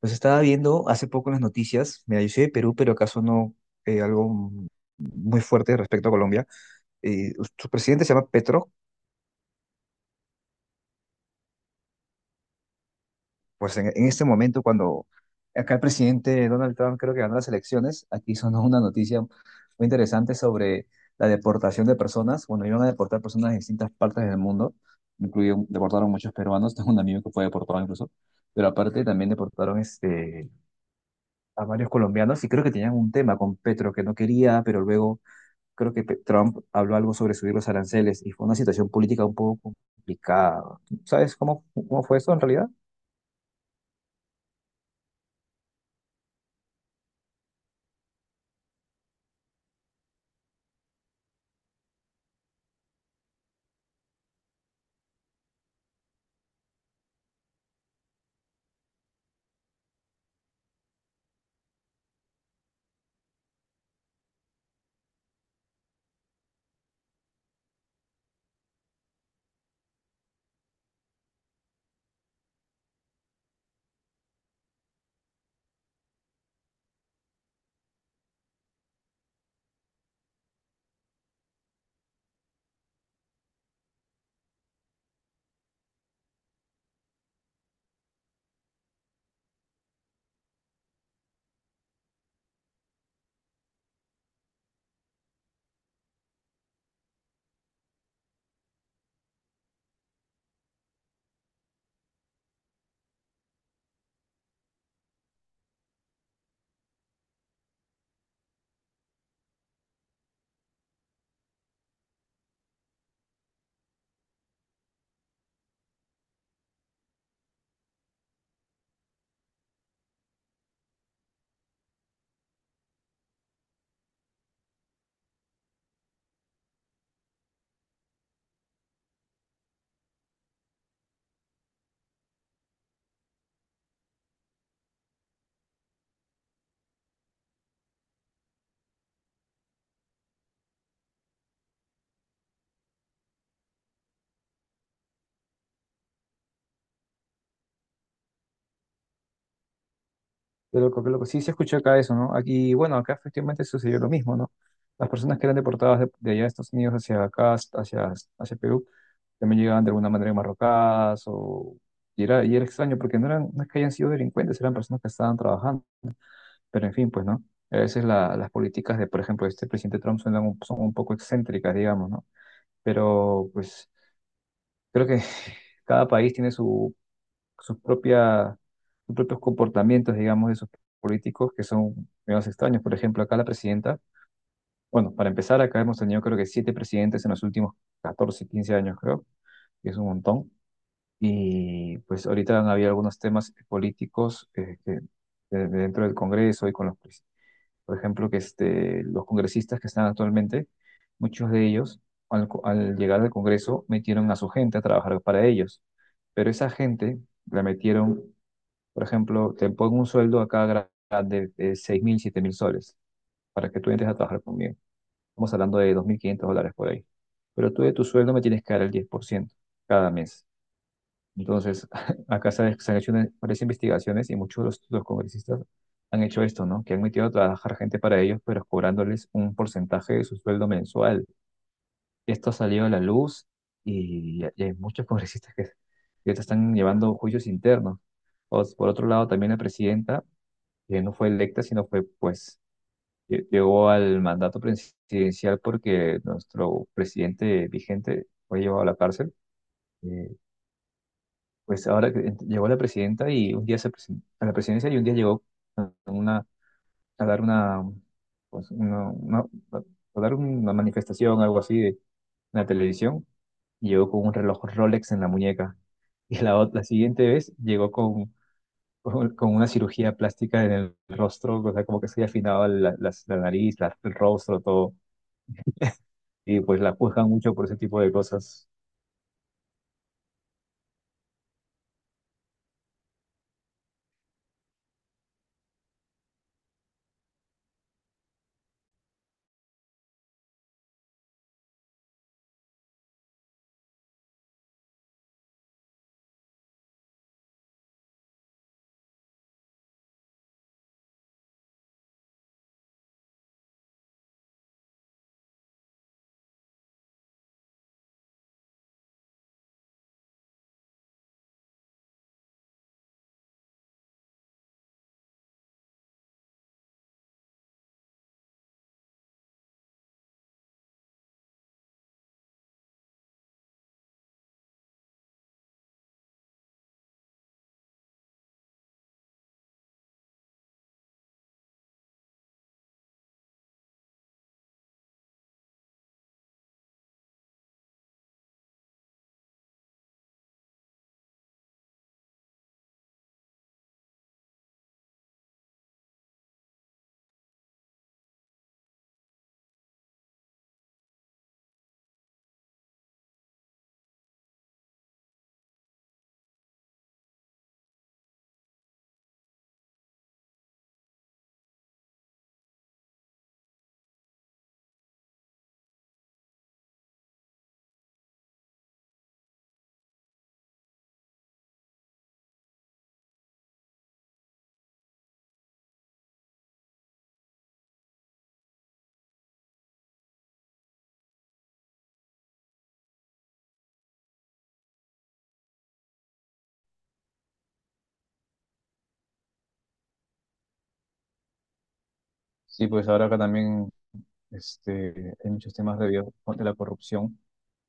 Pues estaba viendo hace poco en las noticias, mira, yo soy de Perú, pero acaso no algo muy fuerte respecto a Colombia. Su presidente se llama Petro, pues en este momento cuando acá el presidente Donald Trump creo que ganó las elecciones, aquí sonó una noticia muy interesante sobre la deportación de personas. Bueno, iban a deportar personas de distintas partes del mundo, incluido deportaron muchos peruanos, tengo un amigo que fue deportado incluso, pero aparte también deportaron a varios colombianos y creo que tenían un tema con Petro que no quería, pero luego creo que Trump habló algo sobre subir los aranceles y fue una situación política un poco complicada. ¿Sabes cómo fue eso en realidad? Pero lo que sí se escuchó acá eso, ¿no? Aquí, bueno, acá efectivamente sucedió lo mismo, ¿no? Las personas que eran deportadas de allá de Estados Unidos hacia acá, hacia Perú, también llegaban de alguna manera marrocadas o. Y era extraño porque no, eran, no es que hayan sido delincuentes, eran personas que estaban trabajando. Pero en fin, pues, ¿no? A veces las políticas de, por ejemplo, este presidente Trump son un poco excéntricas, digamos, ¿no? Pero, pues, creo que cada país tiene su, sus propia- sus propios comportamientos, digamos, de sus políticos que son menos extraños. Por ejemplo, acá la presidenta, bueno, para empezar, acá hemos tenido creo que siete presidentes en los últimos 14 15 años, creo, que es un montón. Y pues ahorita han habido algunos temas políticos que, de dentro del Congreso y con los, por ejemplo, que los congresistas que están actualmente, muchos de ellos, al llegar al Congreso, metieron a su gente a trabajar para ellos. Pero esa gente la metieron, por ejemplo, te pongo un sueldo acá de 6 mil, 7.000 soles para que tú entres a trabajar conmigo. Estamos hablando de 2.500 dólares por ahí. Pero tú de tu sueldo me tienes que dar el 10% cada mes. Entonces, acá se han hecho varias investigaciones y muchos de los congresistas han hecho esto, ¿no? Que han metido a trabajar gente para ellos, pero cobrándoles un porcentaje de su sueldo mensual. Esto ha salido a la luz y hay muchos congresistas que ahorita están llevando juicios internos. Por otro lado, también la presidenta, que no fue electa, sino fue, pues, llegó al mandato presidencial porque nuestro presidente vigente fue llevado a la cárcel. Eh, Pues ahora que llegó la presidenta y un día a la presidencia y un día llegó a a dar una, pues, una, a dar una manifestación, algo así, en la televisión, y llegó con un reloj Rolex en la muñeca. Y la, la siguiente vez llegó con, con una cirugía plástica en el rostro, o sea, como que se había afinado la, la nariz, el rostro, todo. Y pues la juzgan mucho por ese tipo de cosas. Sí, pues ahora acá también hay muchos temas de la corrupción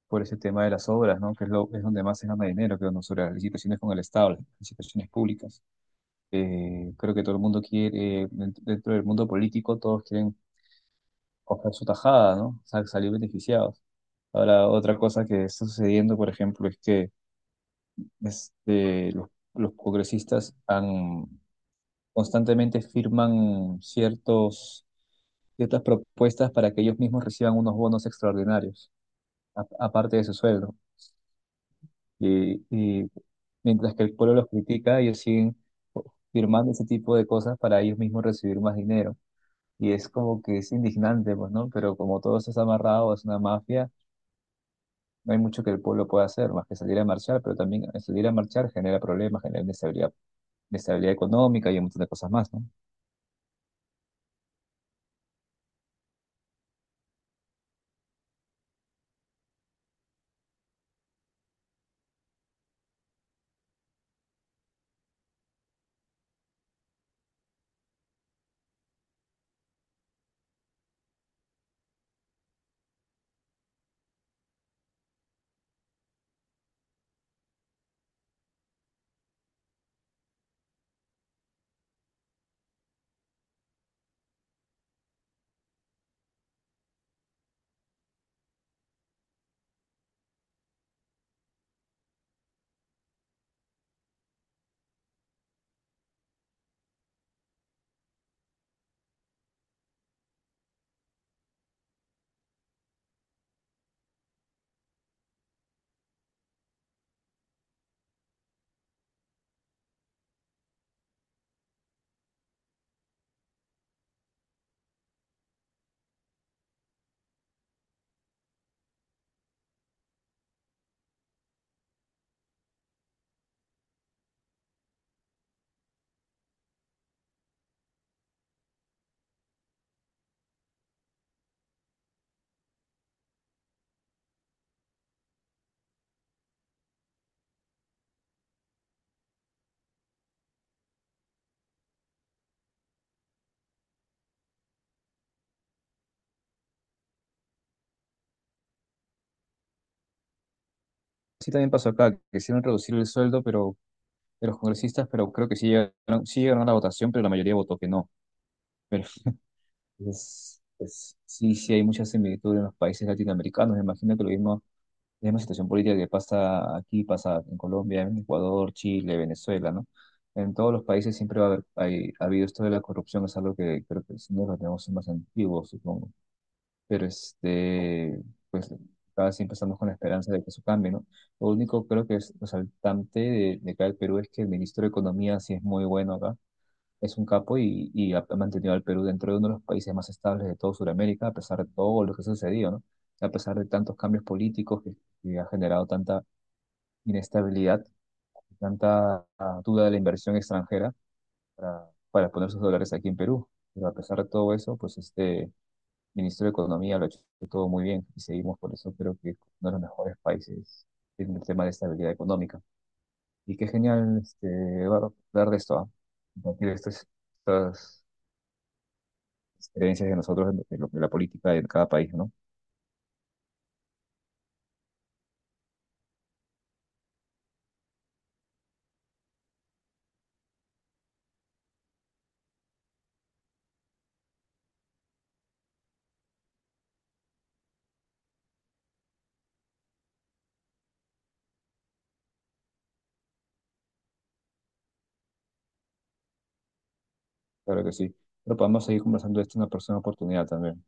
por ese tema de las obras, ¿no? Que es donde más se gana dinero, creo, ¿no? Sobre las licitaciones con el Estado, las licitaciones públicas. Creo que todo el mundo dentro del mundo político, todos quieren coger su tajada, ¿no? Salir beneficiados. Ahora, otra cosa que está sucediendo, por ejemplo, es que este, los, los congresistas constantemente firman ciertas propuestas para que ellos mismos reciban unos bonos extraordinarios, aparte de su sueldo. Y mientras que el pueblo los critica, ellos siguen firmando ese tipo de cosas para ellos mismos recibir más dinero. Y es como que es indignante, pues, ¿no? Pero como todo eso está amarrado, es una mafia, no hay mucho que el pueblo pueda hacer, más que salir a marchar, pero también salir a marchar genera problemas, genera inestabilidad, inestabilidad económica y un montón de cosas más, ¿no? Sí, también pasó acá, que quisieron reducir el sueldo pero, de los congresistas, pero creo que sí llegaron a la votación, pero la mayoría votó que no. Entonces, pues, sí, sí hay mucha similitud en los países latinoamericanos. Me imagino que lo mismo, la misma situación política que pasa aquí, pasa en Colombia, en Ecuador, Chile, Venezuela, ¿no? En todos los países siempre va a haber, ha habido esto de la corrupción, es algo que creo que sí nos lo tenemos más antiguo, supongo. Pero pues cada siempre estamos con la esperanza de que eso cambie, ¿no? Lo único creo que es resaltante de acá del Perú es que el ministro de Economía sí es muy bueno acá, es un capo y ha mantenido al Perú dentro de uno de los países más estables de toda Sudamérica, a pesar de todo lo que ha sucedido, ¿no? A pesar de tantos cambios políticos que ha generado tanta inestabilidad, tanta duda de la inversión extranjera para poner sus dólares aquí en Perú. Pero a pesar de todo eso, pues este ministro de Economía lo ha hecho todo muy bien y seguimos por eso, creo que es uno de los mejores países en el tema de estabilidad económica. Y qué genial Eduardo, hablar de esto, ¿ah? Compartir estas creencias de nosotros, de la política de cada país, ¿no? Claro que sí. Pero podemos seguir conversando de esto en una próxima oportunidad también.